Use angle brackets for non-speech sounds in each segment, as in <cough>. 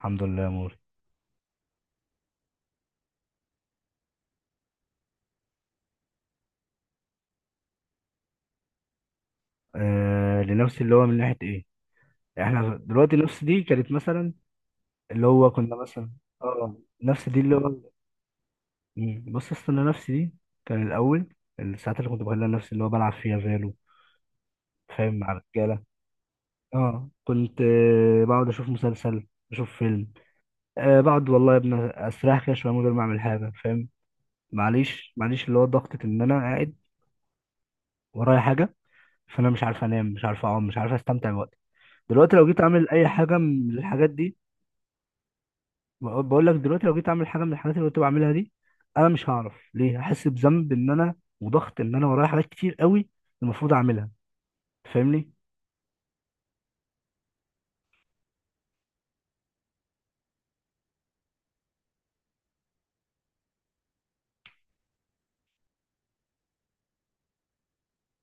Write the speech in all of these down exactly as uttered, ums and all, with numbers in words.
الحمد لله يا موري. آه لنفسي، اللي هو من ناحية ايه؟ يعني احنا دلوقتي نفس دي كانت مثلا، اللي هو كنا مثلا، اه نفس دي اللي هو مم، بص استنى، نفسي دي كان الاول الساعات اللي كنت بخليها لنفسي اللي هو بلعب فيها فالو، فاهم، مع الرجالة. اه كنت آه بقعد اشوف مسلسل، اشوف فيلم، آه بقعد والله يا ابني استريح كده شوية من غير ما اعمل حاجة، فاهم. معليش معليش، اللي هو ضغطة ان انا قاعد ورايا حاجة، فانا مش عارف انام، مش عارف اقوم، مش عارف استمتع بوقتي. دلوقتي لو جيت اعمل اي حاجه من الحاجات دي، بقول بقول لك دلوقتي لو جيت اعمل حاجه من الحاجات اللي كنت بعملها دي، انا مش هعرف ليه. هحس بذنب ان انا، وضغط ان انا ورايا حاجات كتير قوي المفروض اعملها، فاهمني.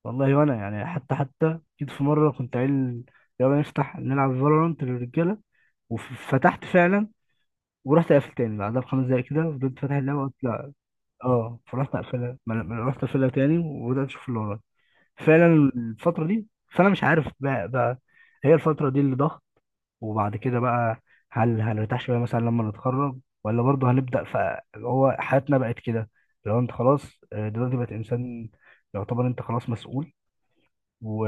والله وانا يعني حتى حتى جيت في مره كنت قايل يلا نفتح نلعب فالورانت للرجاله، وفتحت فعلا، ورحت قافل تاني بعدها بخمس دقايق كده. فضلت فاتح اللعبه، قلت لا. اه فرحت اقفلها، ما أنا- ما أنا رحت اقفلها تاني وبدات اشوف اللي ورايا فعلا الفتره دي، فانا مش عارف بقى, بقى. هي الفتره دي اللي ضغط. وبعد كده بقى، هل هنرتاح شويه مثلا لما نتخرج، ولا برضه هنبدا ف هو حياتنا بقت كده؟ لو انت خلاص، آه، دلوقتي بقت انسان، يعتبر انت خلاص مسؤول و...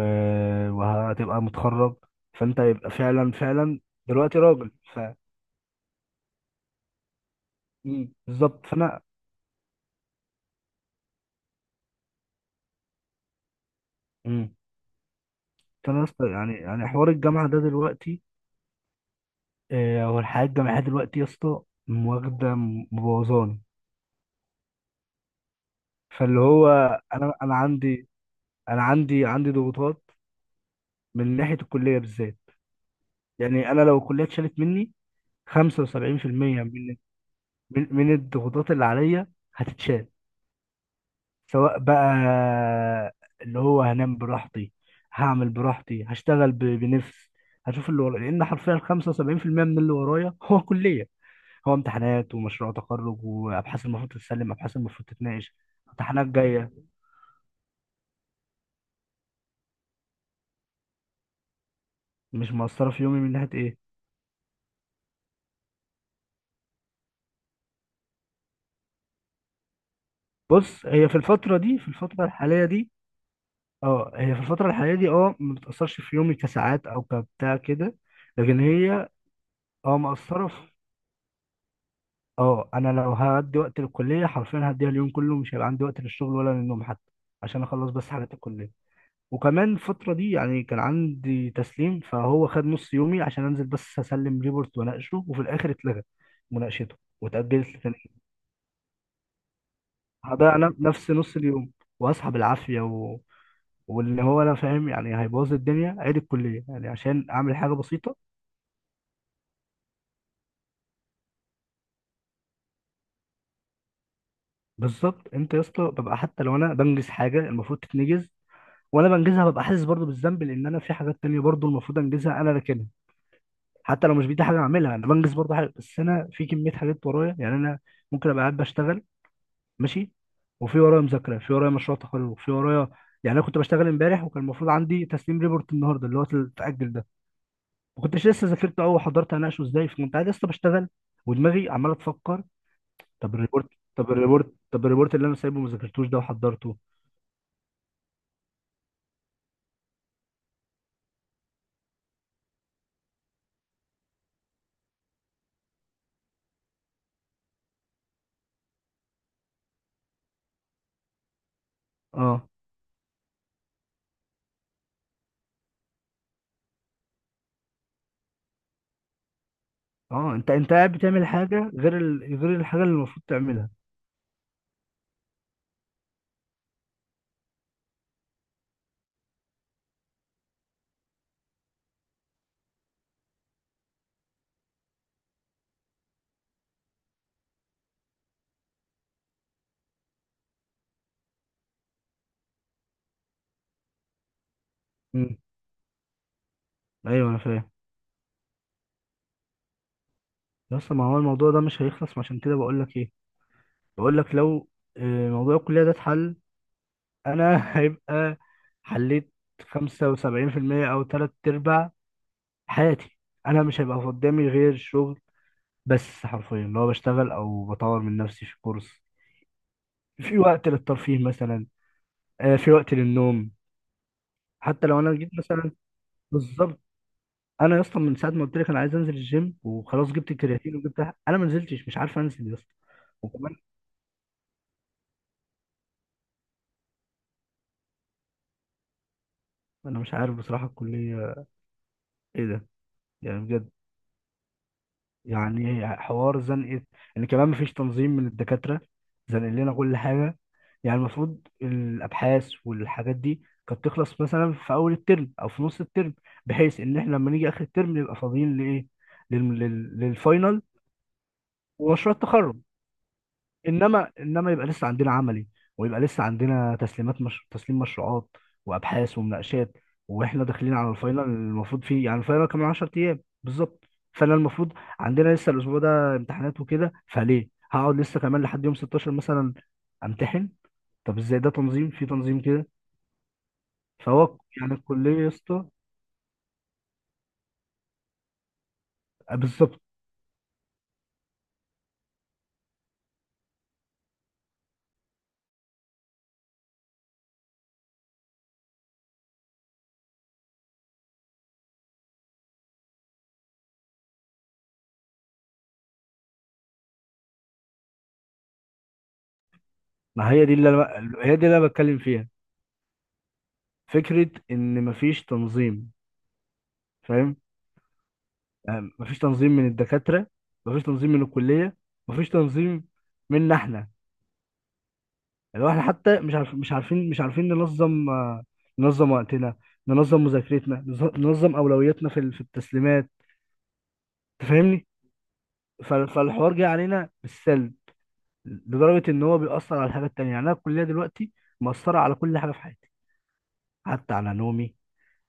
وهتبقى متخرج، فانت يبقى فعلا فعلا دلوقتي راجل. ف مم. بالظبط. فانا مم. فانا يا اسطى، يعني يعني حوار الجامعه ده دلوقتي، آه، هو الحياه الجامعيه دلوقتي يا اسطى واخده مبوظاني. فاللي هو انا انا عندي انا عندي عندي ضغوطات من ناحيه الكليه بالذات. يعني انا لو الكليه اتشالت مني، خمسة وسبعين في المية من من من الضغوطات اللي عليا هتتشال. سواء بقى اللي هو هنام براحتي، هعمل براحتي، هشتغل ب- بنفس، هشوف اللي ورايا. لان حرفيا خمسة وسبعين في المية من اللي ورايا هو كليه، هو امتحانات ومشروع تخرج وابحاث المفروض تتسلم، ابحاث المفروض تتناقش، امتحانات جايه. مش مؤثره في يومي من ناحيه ايه. بص هي في الفتره دي، في الفتره الحاليه دي، اه هي في الفترة الحالية دي اه ما بتأثرش في يومي كساعات أو كبتاع كده. لكن هي اه مأثرة في، اه أنا لو هدي وقت للكلية حرفيا هديها اليوم كله، مش هيبقى عندي وقت للشغل ولا للنوم حتى، عشان أخلص بس حاجات الكلية. وكمان الفترة دي يعني كان عندي تسليم، فهو خد نص يومي عشان أنزل بس أسلم ريبورت وأناقشه، وفي الآخر اتلغى مناقشته واتأجلت لتاني يوم. هضيع ن- نفس نص اليوم وأصحى بالعافية و... واللي هو أنا فاهم يعني هيبوظ الدنيا. عيد الكلية يعني عشان أعمل حاجة بسيطة. بالظبط انت يا اسطى، ببقى حتى لو انا بنجز حاجه المفروض تتنجز وانا بنجزها، ببقى حاسس برضو بالذنب لان انا في حاجات تانية برضو المفروض انجزها انا راكنها. حتى لو مش بايدي حاجه اعملها، انا بنجز برضو حاجه، بس انا في كميه حاجات ورايا يعني انا ممكن ابقى قاعد بشتغل ماشي، وفي ورايا مذاكره، في ورايا مشروع تخرج، في ورايا، يعني انا كنت بشتغل امبارح وكان المفروض عندي تسليم ريبورت النهارده اللي هو اتاجل ده. ما كنتش لسه ذاكرته او حضرت هناقشه ازاي، فكنت قاعد لسه بشتغل ودماغي عماله تفكر. طب الريبورت طب الريبورت طب الريبورت اللي انا سايبه ما ذاكرتوش ده وحضرته. اه اه انت انت قاعد بتعمل حاجه غير ال... غير الحاجه اللي المفروض تعملها. مم. ايوه انا فاهم. بس ما هو الموضوع ده مش هيخلص، ما عشان كده بقول لك ايه، بقول لك لو آه، موضوع الكليه ده اتحل، انا <laughs> هيبقى، حليت خمسة وسبعين في المية او تلات ارباع حياتي. انا مش هيبقى قدامي غير شغل، بس حرفيا اللي هو بشتغل او بطور من نفسي في كورس، في وقت للترفيه مثلا، آه، في وقت للنوم. حتى لو انا جيت مثلا، بالظبط. انا يا اسطى من ساعه ما قلت لك انا عايز انزل الجيم وخلاص، جبت الكرياتين وجبت، انا ما نزلتش. مش عارف انزل يا اسطى. وكمان انا مش عارف بصراحه الكليه ايه ده، يعني بجد. يعني حوار زنقه، ان كمان مفيش تنظيم من الدكاتره، زنق لنا كل حاجه. يعني المفروض الابحاث والحاجات دي كانت تخلص مثلا في اول الترم او في نص الترم، بحيث ان احنا لما نيجي اخر الترم نبقى فاضيين لايه، لل... لل... للفاينل ومشروع التخرج. انما انما يبقى لسه عندنا عملي، ويبقى لسه عندنا تسليمات، مش... تسليم مشروعات وابحاث ومناقشات، واحنا داخلين على الفاينل المفروض فيه، يعني الفاينل كمان عشرة ايام بالظبط. فانا المفروض، عندنا لسه الاسبوع ده امتحانات وكده، فليه هقعد لسه كمان لحد يوم ستاشر مثلا امتحن؟ طب ازاي ده تنظيم؟ في تنظيم كده؟ فهو يعني الكليه يا اسطى، آه، بالظبط. ما هي دي اللي أنا... هي دي اللي انا بتكلم فيها، فكره ان مفيش تنظيم، فاهم. يعني مفيش تنظيم من الدكاترة، مفيش تنظيم من الكلية، مفيش تنظيم منا احنا، اللي هو احنا حتى مش عارف مش عارفين مش عارفين ننظم، آه، ننظم وقتنا، ننظم مذاكرتنا، نز- ننظم أولوياتنا في ال- في التسليمات، تفهمني. فالحوار جه علينا بالسلب، لدرجة إن هو بيأثر على الحاجات التانية، يعني أنا الكلية دلوقتي مأثرة على كل حاجة في حياتي، حتى على نومي،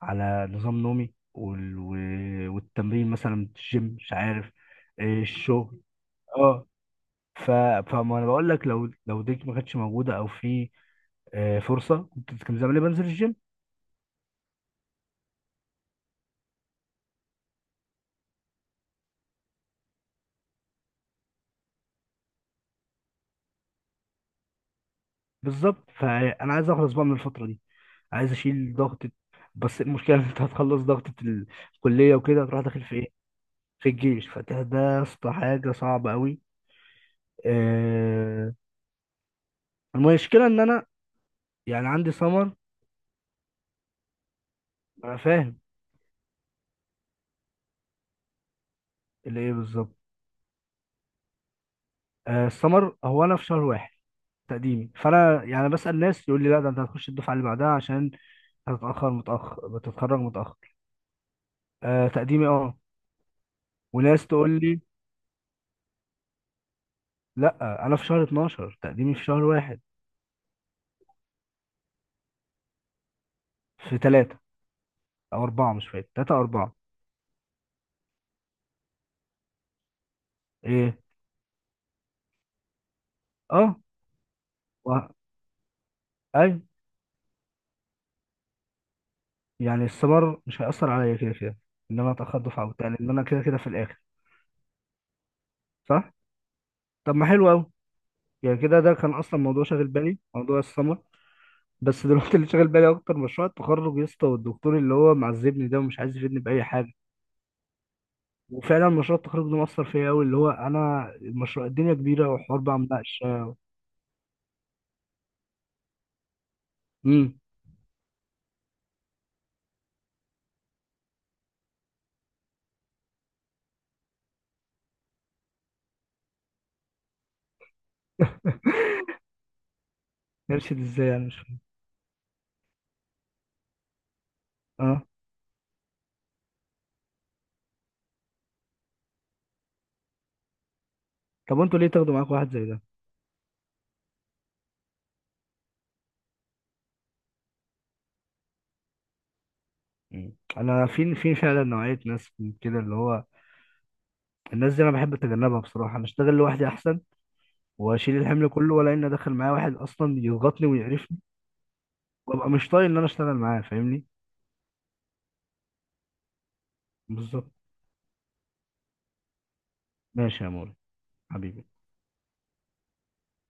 على نظام نومي وال... و- والتمرين مثلا، الجيم مش عارف، إيه، الشغل. اه ف... فما انا بقول لك، لو لو ديك ما كانتش موجوده او في آه، فرصه، كنت كان زماني بنزل الجيم. بالظبط. فانا عايز اخلص بقى من الفتره دي، عايز اشيل ضغطه. بس المشكله <laughs> ان انت هتخلص ضغطه الكليه وكده تروح داخل في ايه؟ في الجيش. فده ده يا اسطى حاجه صعبه قوي. آه، المشكله ان انا يعني عندي سمر. انا فاهم. اللي ايه بالظبط؟ آه، السمر، هو انا في شهر واحد تقديمي، فانا يعني بسال ناس يقول لي لا ده انت هتخش الدفعه اللي بعدها عشان هتتاخر، متاخر، بتتخرج متاخر. آه تقديمي اه. وناس تقول لي لا. انا في شهر اتناشر تقديمي، في شهر واحد. في ثلاثة او اربعة، مش فاكر، ثلاثة او اربعة. ايه اه و... اي يعني السمر مش هيأثر عليا كده كده، ان انا اتأخر دفعة وبتاع، لان انا كده كده في الاخر، صح. طب ما حلو قوي. يعني كده ده كان اصلا موضوع شاغل بالي، موضوع السمر. بس دلوقتي اللي شاغل بالي اكتر مشروع التخرج يا اسطى، والدكتور اللي هو معذبني ده ومش عايز يفيدني باي حاجه. وفعلا مشروع التخرج ده مأثر فيا قوي، اللي هو انا المشروع الدنيا كبيره، وحوار بقى مناقشه. امم. <laughs> يرشد ازاي يعني؟ مش فاهم. اه. طب انتوا ليه تاخدوا معاكم واحد زي ده؟ مم. انا في في فعلا نوعيه ناس من كده، اللي هو الناس دي انا بحب اتجنبها بصراحه. انا اشتغل لوحدي احسن واشيل الحمل كله، ولا اني ادخل معايا واحد اصلا يضغطني ويقرفني وابقى مش طايق ان انا اشتغل معاه، فاهمني. بالظبط. ماشي يا موري، حبيبي.